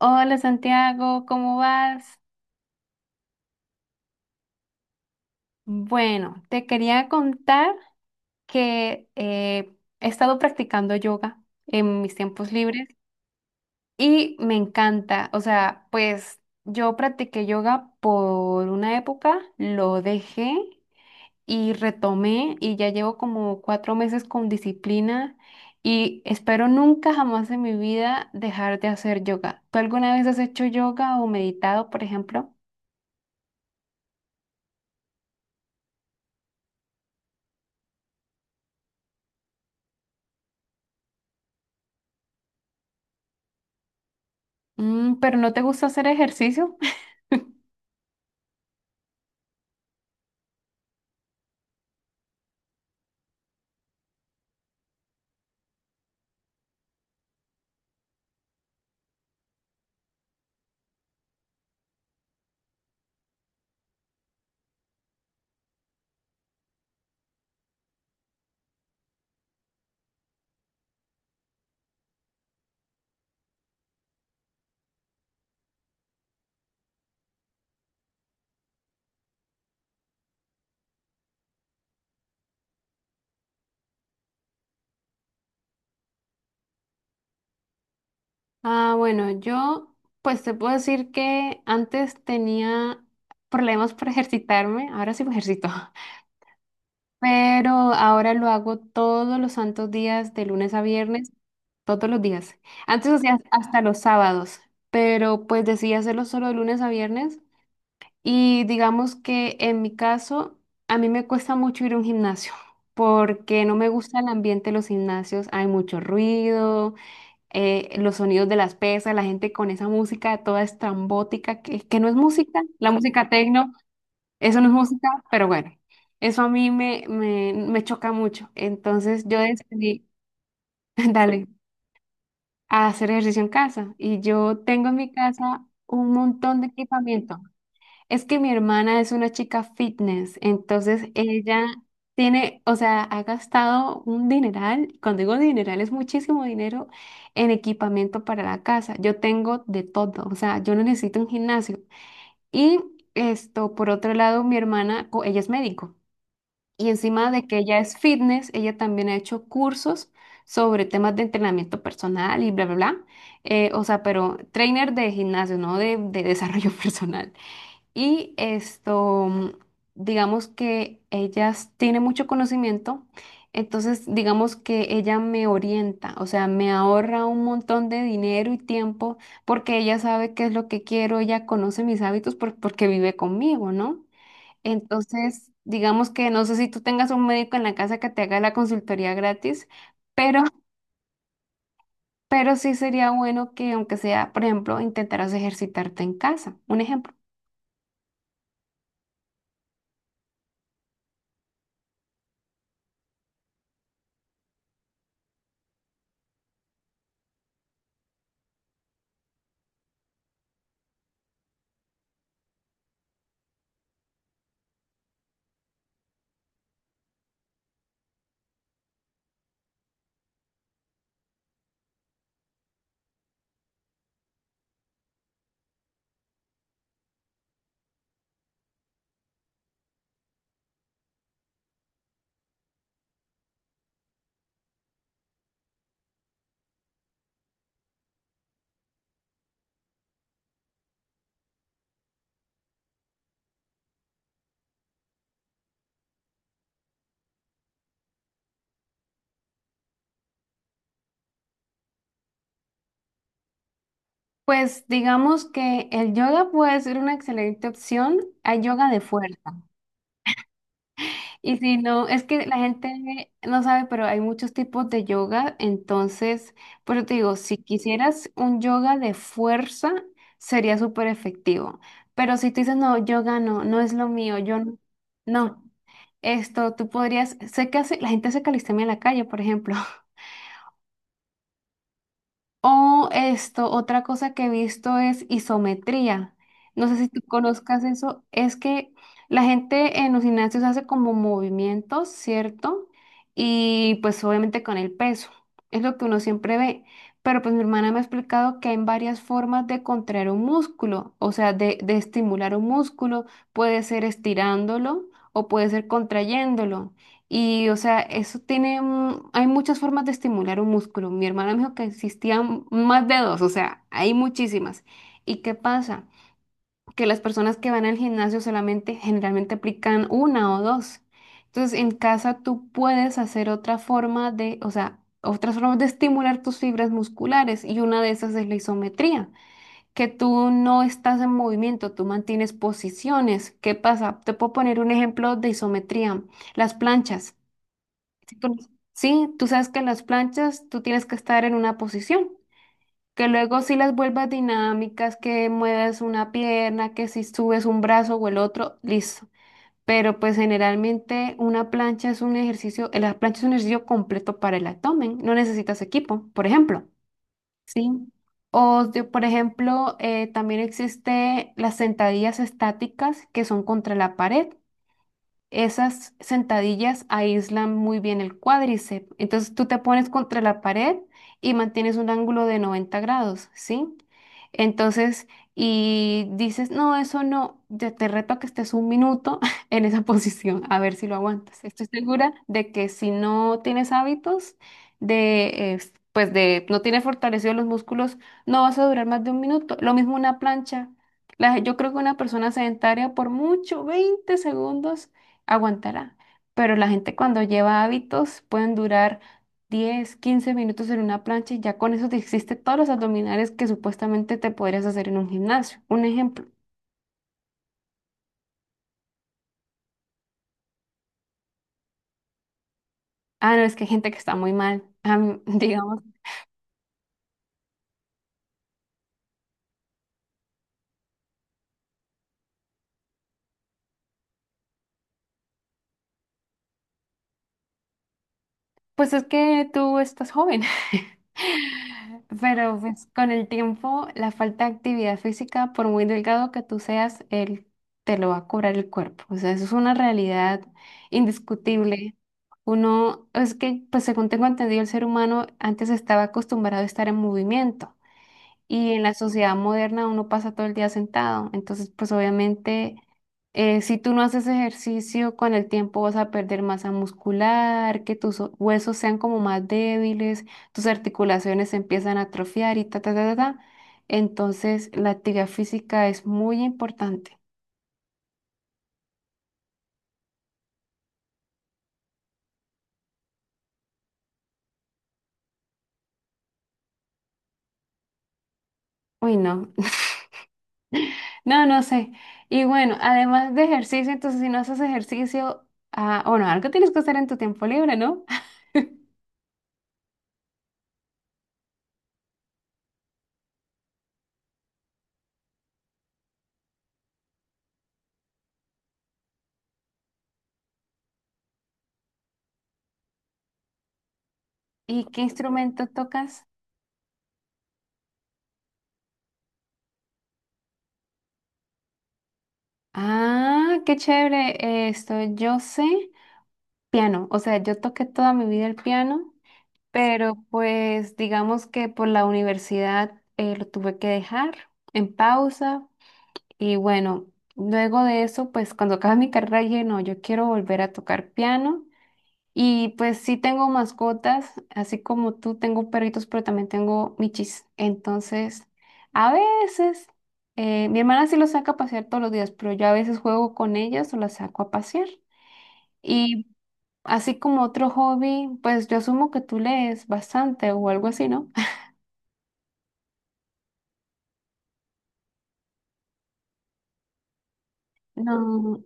Hola Santiago, ¿cómo vas? Bueno, te quería contar que he estado practicando yoga en mis tiempos libres y me encanta. O sea, pues yo practiqué yoga por una época, lo dejé y retomé y ya llevo como 4 meses con disciplina y espero nunca jamás en mi vida dejar de hacer yoga. ¿Tú alguna vez has hecho yoga o meditado, por ejemplo? Pero ¿no te gusta hacer ejercicio? Ah, bueno, yo pues te puedo decir que antes tenía problemas para ejercitarme, ahora sí me ejercito, pero ahora lo hago todos los santos días, de lunes a viernes, todos los días. Antes hacía hasta los sábados, pero pues decidí hacerlo solo de lunes a viernes y digamos que en mi caso a mí me cuesta mucho ir a un gimnasio porque no me gusta el ambiente de los gimnasios, hay mucho ruido. Los sonidos de las pesas, la gente con esa música toda estrambótica, que no es música, la música tecno, eso no es música, pero bueno, eso a mí me choca mucho. Entonces yo decidí, dale, a hacer ejercicio en casa. Y yo tengo en mi casa un montón de equipamiento. Es que mi hermana es una chica fitness, entonces ella tiene, o sea, ha gastado un dineral, cuando digo dineral es muchísimo dinero en equipamiento para la casa. Yo tengo de todo, o sea, yo no necesito un gimnasio. Y esto, por otro lado, mi hermana, ella es médico y encima de que ella es fitness, ella también ha hecho cursos sobre temas de entrenamiento personal y bla, bla, bla. O sea, pero trainer de gimnasio, no de desarrollo personal. Y esto, digamos que ella tiene mucho conocimiento, entonces digamos que ella me orienta, o sea, me ahorra un montón de dinero y tiempo porque ella sabe qué es lo que quiero, ella conoce mis hábitos porque vive conmigo, ¿no? Entonces, digamos que no sé si tú tengas un médico en la casa que te haga la consultoría gratis, pero, pero sí sería bueno que aunque sea, por ejemplo, intentaras ejercitarte en casa, un ejemplo. Pues digamos que el yoga puede ser una excelente opción. Hay yoga de fuerza. Y si no, es que la gente no sabe, pero hay muchos tipos de yoga. Entonces, por eso te digo, si quisieras un yoga de fuerza, sería súper efectivo. Pero si tú dices, no, yoga no, no es lo mío, yo no. No, esto tú podrías, sé que hace, la gente hace calistenia en la calle, por ejemplo. O esto, otra cosa que he visto es isometría. No sé si tú conozcas eso. Es que la gente en los gimnasios hace como movimientos, ¿cierto? Y pues obviamente con el peso. Es lo que uno siempre ve. Pero pues mi hermana me ha explicado que hay varias formas de contraer un músculo, o sea, de estimular un músculo. Puede ser estirándolo o puede ser contrayéndolo. Y, o sea, eso tiene, hay muchas formas de estimular un músculo. Mi hermana me dijo que existían más de dos, o sea, hay muchísimas. ¿Y qué pasa? Que las personas que van al gimnasio solamente generalmente aplican una o dos. Entonces, en casa tú puedes hacer otra forma de, o sea, otras formas de estimular tus fibras musculares y una de esas es la isometría, que tú no estás en movimiento, tú mantienes posiciones. ¿Qué pasa? Te puedo poner un ejemplo de isometría, las planchas. Sí, sí, tú sabes que en las planchas tú tienes que estar en una posición, que luego si las vuelvas dinámicas, que mueves una pierna, que si subes un brazo o el otro, listo. Pero pues generalmente una plancha es un ejercicio, la plancha es un ejercicio completo para el abdomen, no necesitas equipo, por ejemplo, ¿sí? O por ejemplo, también existe las sentadillas estáticas que son contra la pared. Esas sentadillas aíslan muy bien el cuádriceps. Entonces tú te pones contra la pared y mantienes un ángulo de 90 grados, ¿sí? Entonces, y dices, no, eso no, yo te reto a que estés 1 minuto en esa posición, a ver si lo aguantas. Estoy segura de que si no tienes hábitos de, pues de, no tienes fortalecido los músculos, no vas a durar más de 1 minuto. Lo mismo una plancha. Yo creo que una persona sedentaria por mucho, 20 segundos aguantará. Pero la gente cuando lleva hábitos pueden durar 10, 15 minutos en una plancha y ya con eso te hiciste todos los abdominales que supuestamente te podrías hacer en un gimnasio. Un ejemplo. Ah, no, es que hay gente que está muy mal. Digamos. Pues es que tú estás joven, pero pues con el tiempo la falta de actividad física, por muy delgado que tú seas, él te lo va a cobrar el cuerpo. O sea, eso es una realidad indiscutible. Uno, es que, pues según tengo entendido, el ser humano antes estaba acostumbrado a estar en movimiento. Y en la sociedad moderna uno pasa todo el día sentado. Entonces, pues obviamente, si tú no haces ejercicio, con el tiempo vas a perder masa muscular, que tus huesos sean como más débiles, tus articulaciones se empiezan a atrofiar y ta, ta, ta, ta, ta. Entonces, la actividad física es muy importante. Uy, no. No, no sé. Y bueno, además de ejercicio, entonces si no haces ejercicio, ah, bueno, algo tienes que hacer en tu tiempo libre, ¿no? ¿Y qué instrumento tocas? Ah, qué chévere. Esto, yo sé piano, o sea, yo toqué toda mi vida el piano, pero pues digamos que por la universidad lo tuve que dejar en pausa y bueno, luego de eso, pues cuando acabé mi carrera dije, no, yo quiero volver a tocar piano y pues sí tengo mascotas, así como tú tengo perritos, pero también tengo michis. Entonces, a veces, mi hermana sí los saca a pasear todos los días, pero yo a veces juego con ellas o las saco a pasear. Y así como otro hobby, pues yo asumo que tú lees bastante o algo así, ¿no? No,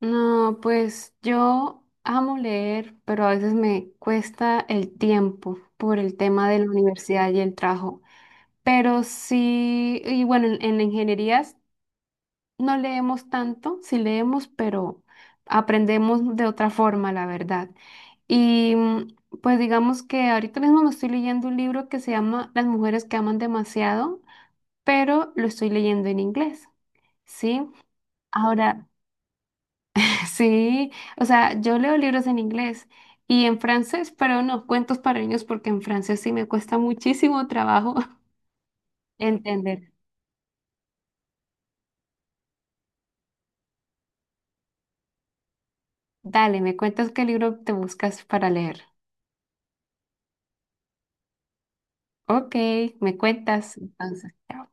no, pues yo amo leer, pero a veces me cuesta el tiempo por el tema de la universidad y el trabajo. Pero sí, y bueno, en ingenierías no leemos tanto, sí leemos, pero aprendemos de otra forma, la verdad. Y pues digamos que ahorita mismo me estoy leyendo un libro que se llama Las mujeres que aman demasiado, pero lo estoy leyendo en inglés, ¿sí? Ahora, sí, o sea, yo leo libros en inglés y en francés, pero no, cuentos para niños porque en francés sí me cuesta muchísimo trabajo entender. Dale, me cuentas qué libro te buscas para leer. Ok, me cuentas. Entonces, chao.